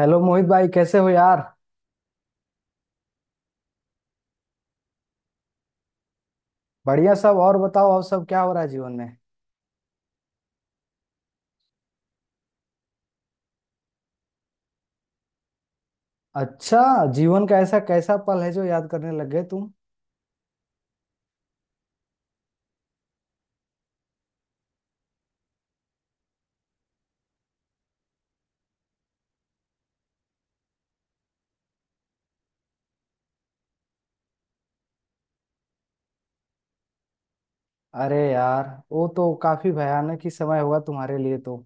Hello Mohit भाई कैसे हो यार। बढ़िया सब। और बताओ और सब क्या हो रहा है जीवन में। अच्छा। जीवन का ऐसा कैसा पल है जो याद करने लग गए तुम। अरे यार वो तो काफी भयानक ही समय होगा तुम्हारे लिए तो।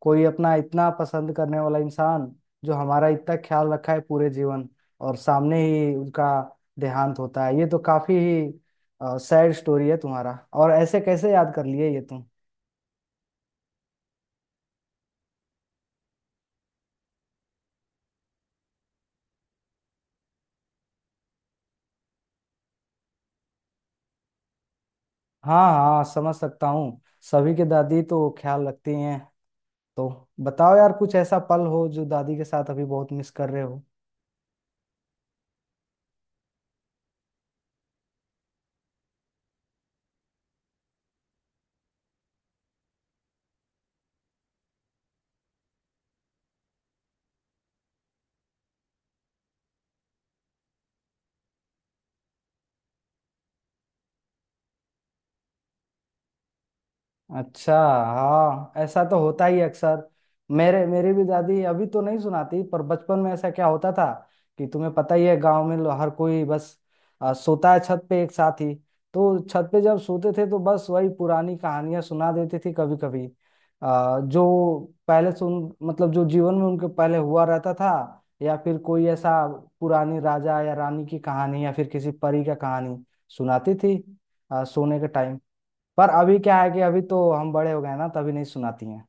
कोई अपना इतना पसंद करने वाला इंसान जो हमारा इतना ख्याल रखा है पूरे जीवन और सामने ही उनका देहांत होता है ये तो काफी ही सैड स्टोरी है तुम्हारा। और ऐसे कैसे याद कर लिए ये तुम। हाँ हाँ समझ सकता हूँ। सभी के दादी तो ख्याल रखती हैं। तो बताओ यार कुछ ऐसा पल हो जो दादी के साथ अभी बहुत मिस कर रहे हो। अच्छा। हाँ ऐसा तो होता ही अक्सर। मेरे मेरी भी दादी अभी तो नहीं सुनाती पर बचपन में ऐसा क्या होता था कि तुम्हें पता ही है गांव में हर कोई बस सोता है छत पे एक साथ ही। तो छत पे जब सोते थे तो बस वही पुरानी कहानियां सुना देती थी कभी कभी। जो पहले सुन मतलब जो जीवन में उनके पहले हुआ रहता था या फिर कोई ऐसा पुरानी राजा या रानी की कहानी या फिर किसी परी का कहानी सुनाती थी सोने के टाइम पर। अभी क्या है कि अभी तो हम बड़े हो गए ना तभी नहीं सुनाती हैं।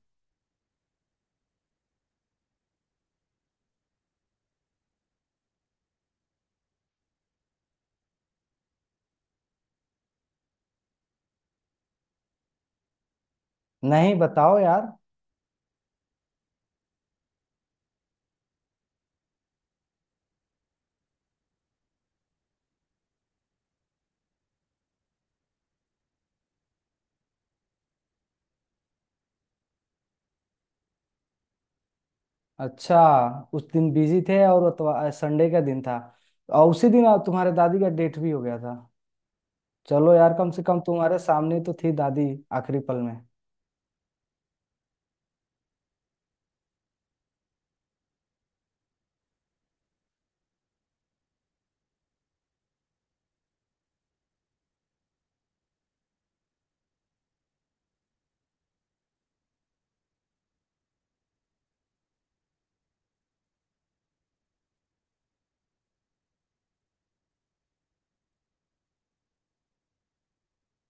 नहीं बताओ यार। अच्छा। उस दिन बिजी थे और संडे का दिन था और उसी दिन तुम्हारे दादी का डेट भी हो गया था। चलो यार कम से कम तुम्हारे सामने तो थी दादी आखिरी पल में।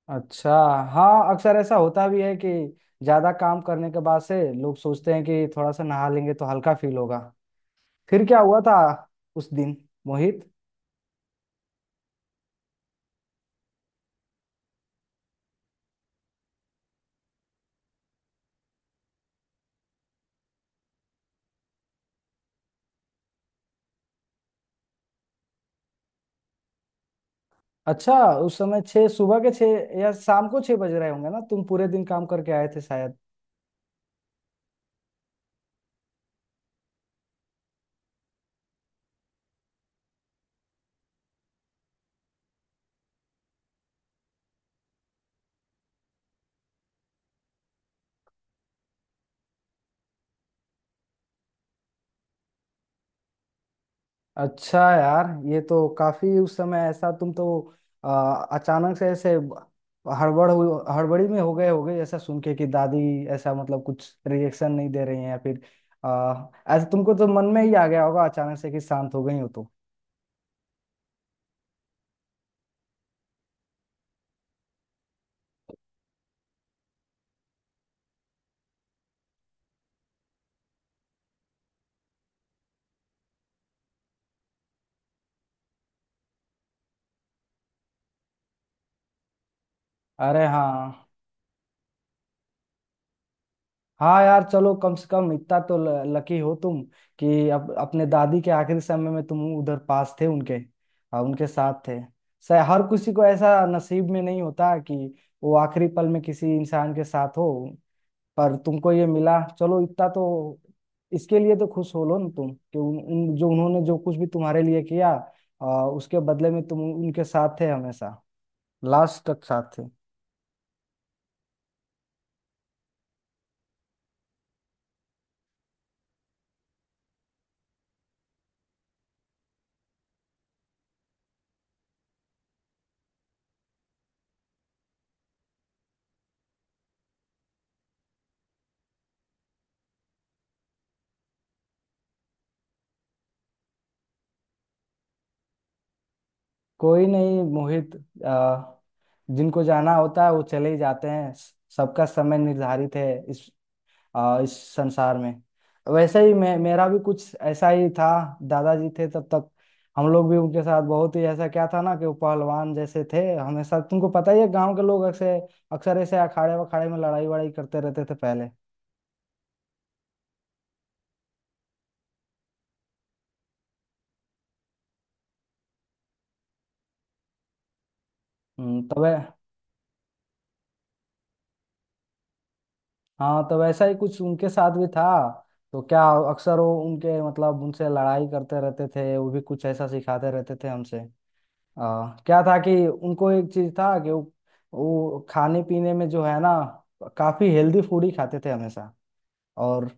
अच्छा। हाँ अक्सर ऐसा होता भी है कि ज्यादा काम करने के बाद से लोग सोचते हैं कि थोड़ा सा नहा लेंगे तो हल्का फील होगा। फिर क्या हुआ था उस दिन मोहित। अच्छा। उस समय छः सुबह के छः या शाम को छः बज रहे होंगे ना तुम पूरे दिन काम करके आए थे शायद। अच्छा यार। ये तो काफी उस समय ऐसा तुम तो अचानक से ऐसे हड़बड़ी में हो गए होगे ऐसा सुन के कि दादी ऐसा मतलब कुछ रिएक्शन नहीं दे रही हैं या फिर आ, ऐसा तुमको तो मन में ही आ गया होगा अचानक से कि शांत हो गई हो तो। अरे हाँ हाँ यार चलो कम से कम इतना तो लकी हो तुम कि अपने दादी के आखिरी समय में तुम उधर पास थे उनके और उनके साथ थे। शायद हर किसी को ऐसा नसीब में नहीं होता कि वो आखिरी पल में किसी इंसान के साथ हो। पर तुमको ये मिला चलो इतना तो इसके लिए तो खुश हो लो ना तुम कि उन, उन जो उन्होंने जो कुछ भी तुम्हारे लिए किया उसके बदले में तुम उनके साथ थे हमेशा लास्ट तक साथ थे। कोई नहीं मोहित। आ, जिनको जाना होता है वो चले ही जाते हैं सबका समय निर्धारित है इस इस संसार में। वैसे ही मैं मेरा भी कुछ ऐसा ही था। दादाजी थे तब तक। हम लोग भी उनके साथ बहुत ही ऐसा क्या था ना कि वो पहलवान जैसे थे हमेशा तुमको पता ही है गांव के लोग अक्सर अक्सर ऐसे अखाड़े वखाड़े में लड़ाई वड़ाई करते रहते थे पहले। तो वै हाँ तो वैसा ही कुछ उनके साथ भी था। तो क्या अक्सर वो उनके मतलब उनसे लड़ाई करते रहते थे वो भी कुछ ऐसा सिखाते रहते थे हमसे। क्या था कि उनको एक चीज था कि वो खाने पीने में जो है ना काफी हेल्दी फूड ही खाते थे हमेशा। और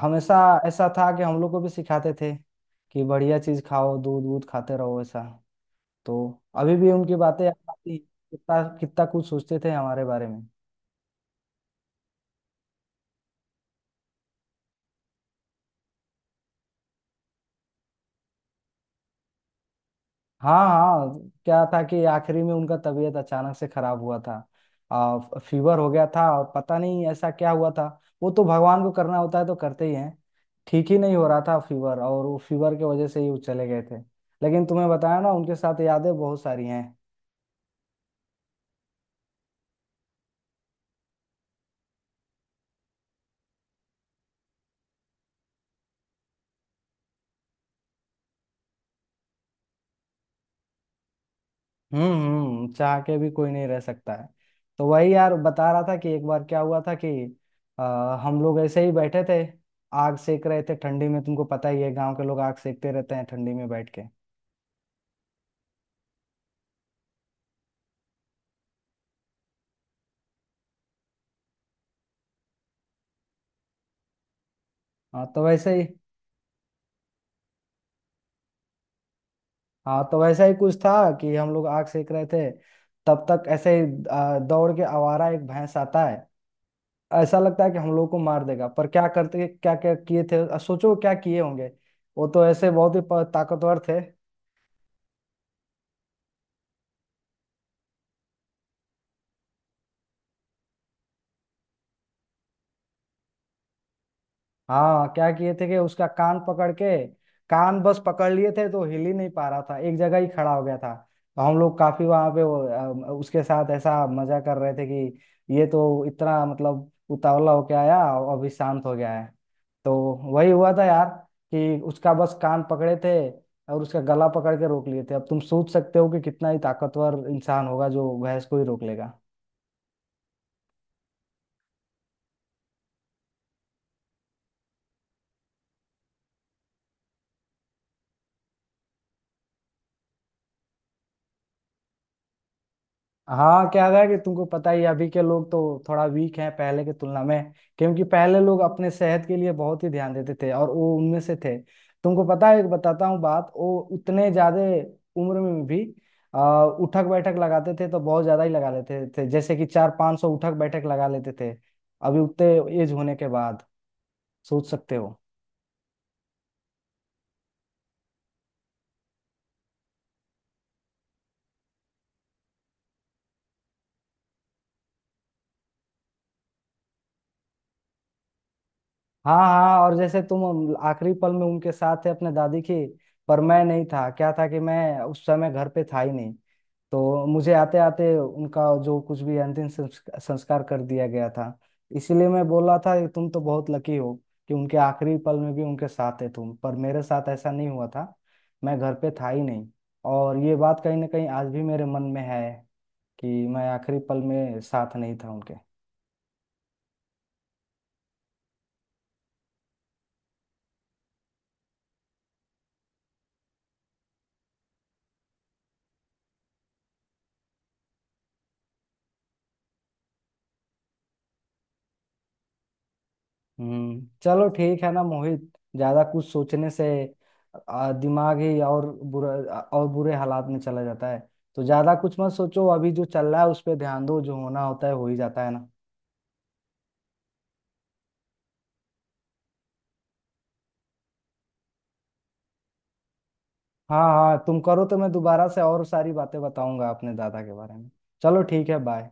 हमेशा ऐसा था कि हम लोग को भी सिखाते थे कि बढ़िया चीज खाओ दूध वूध खाते रहो ऐसा। तो अभी भी उनकी बातें याद आती हैं, कितना कितना कुछ सोचते थे हमारे बारे में। हाँ हाँ क्या था कि आखिरी में उनका तबीयत अचानक से खराब हुआ था। फीवर हो गया था और पता नहीं ऐसा क्या हुआ था। वो तो भगवान को करना होता है तो करते ही हैं। ठीक ही नहीं हो रहा था फीवर और वो फीवर की वजह से ही वो चले गए थे। लेकिन तुम्हें बताया ना उनके साथ यादें बहुत सारी हैं। चाह के भी कोई नहीं रह सकता है। तो वही यार बता रहा था कि एक बार क्या हुआ था कि हम लोग ऐसे ही बैठे थे आग सेक रहे थे ठंडी में तुमको पता ही है गांव के लोग आग सेकते रहते हैं ठंडी में बैठ के। हाँ तो वैसे ही। हाँ तो वैसा ही कुछ था कि हम लोग आग सेक रहे थे। तब तक ऐसे ही दौड़ के आवारा एक भैंस आता है। ऐसा लगता है कि हम लोग को मार देगा पर क्या करते क्या क्या किए थे सोचो क्या किए होंगे। वो तो ऐसे बहुत ही ताकतवर थे। हाँ क्या किए थे कि उसका कान पकड़ के। कान बस पकड़ लिए थे तो हिल ही नहीं पा रहा था एक जगह ही खड़ा हो गया था। तो हम लोग काफी वहां पे उसके साथ ऐसा मजा कर रहे थे कि ये तो इतना मतलब उतावला होके आया और अभी शांत हो गया है। तो वही हुआ था यार कि उसका बस कान पकड़े थे और उसका गला पकड़ के रोक लिए थे अब तुम सोच सकते हो कि कितना ही ताकतवर इंसान होगा जो भैंस को ही रोक लेगा। हाँ क्या था कि तुमको पता ही है, अभी के लोग तो थोड़ा वीक हैं पहले की तुलना में क्योंकि पहले लोग अपने सेहत के लिए बहुत ही ध्यान देते थे और वो उनमें से थे। तुमको पता है एक बताता हूँ बात वो उतने ज्यादा उम्र में भी उठक बैठक लगाते थे तो बहुत ज्यादा ही लगा लेते थे जैसे कि 400-500 उठक बैठक लगा लेते थे अभी उतने एज होने के बाद सोच सकते हो। हाँ हाँ और जैसे तुम आखिरी पल में उनके साथ थे अपने दादी के पर मैं नहीं था क्या था कि मैं उस समय घर पे था ही नहीं। तो मुझे आते आते उनका जो कुछ भी अंतिम संस्कार कर दिया गया था। इसीलिए मैं बोल रहा था कि तुम तो बहुत लकी हो कि उनके आखिरी पल में भी उनके साथ है तुम पर मेरे साथ ऐसा नहीं हुआ था। मैं घर पे था ही नहीं और ये बात कहीं ना कहीं आज भी मेरे मन में है कि मैं आखिरी पल में साथ नहीं था उनके। चलो ठीक है ना मोहित। ज्यादा कुछ सोचने से दिमाग ही और बुरा और बुरे हालात में चला जाता है। तो ज्यादा कुछ मत सोचो अभी जो चल रहा है उस पर ध्यान दो जो होना होता है हो ही जाता है ना। हाँ हाँ तुम करो तो मैं दोबारा से और सारी बातें बताऊंगा अपने दादा के बारे में। चलो ठीक है बाय।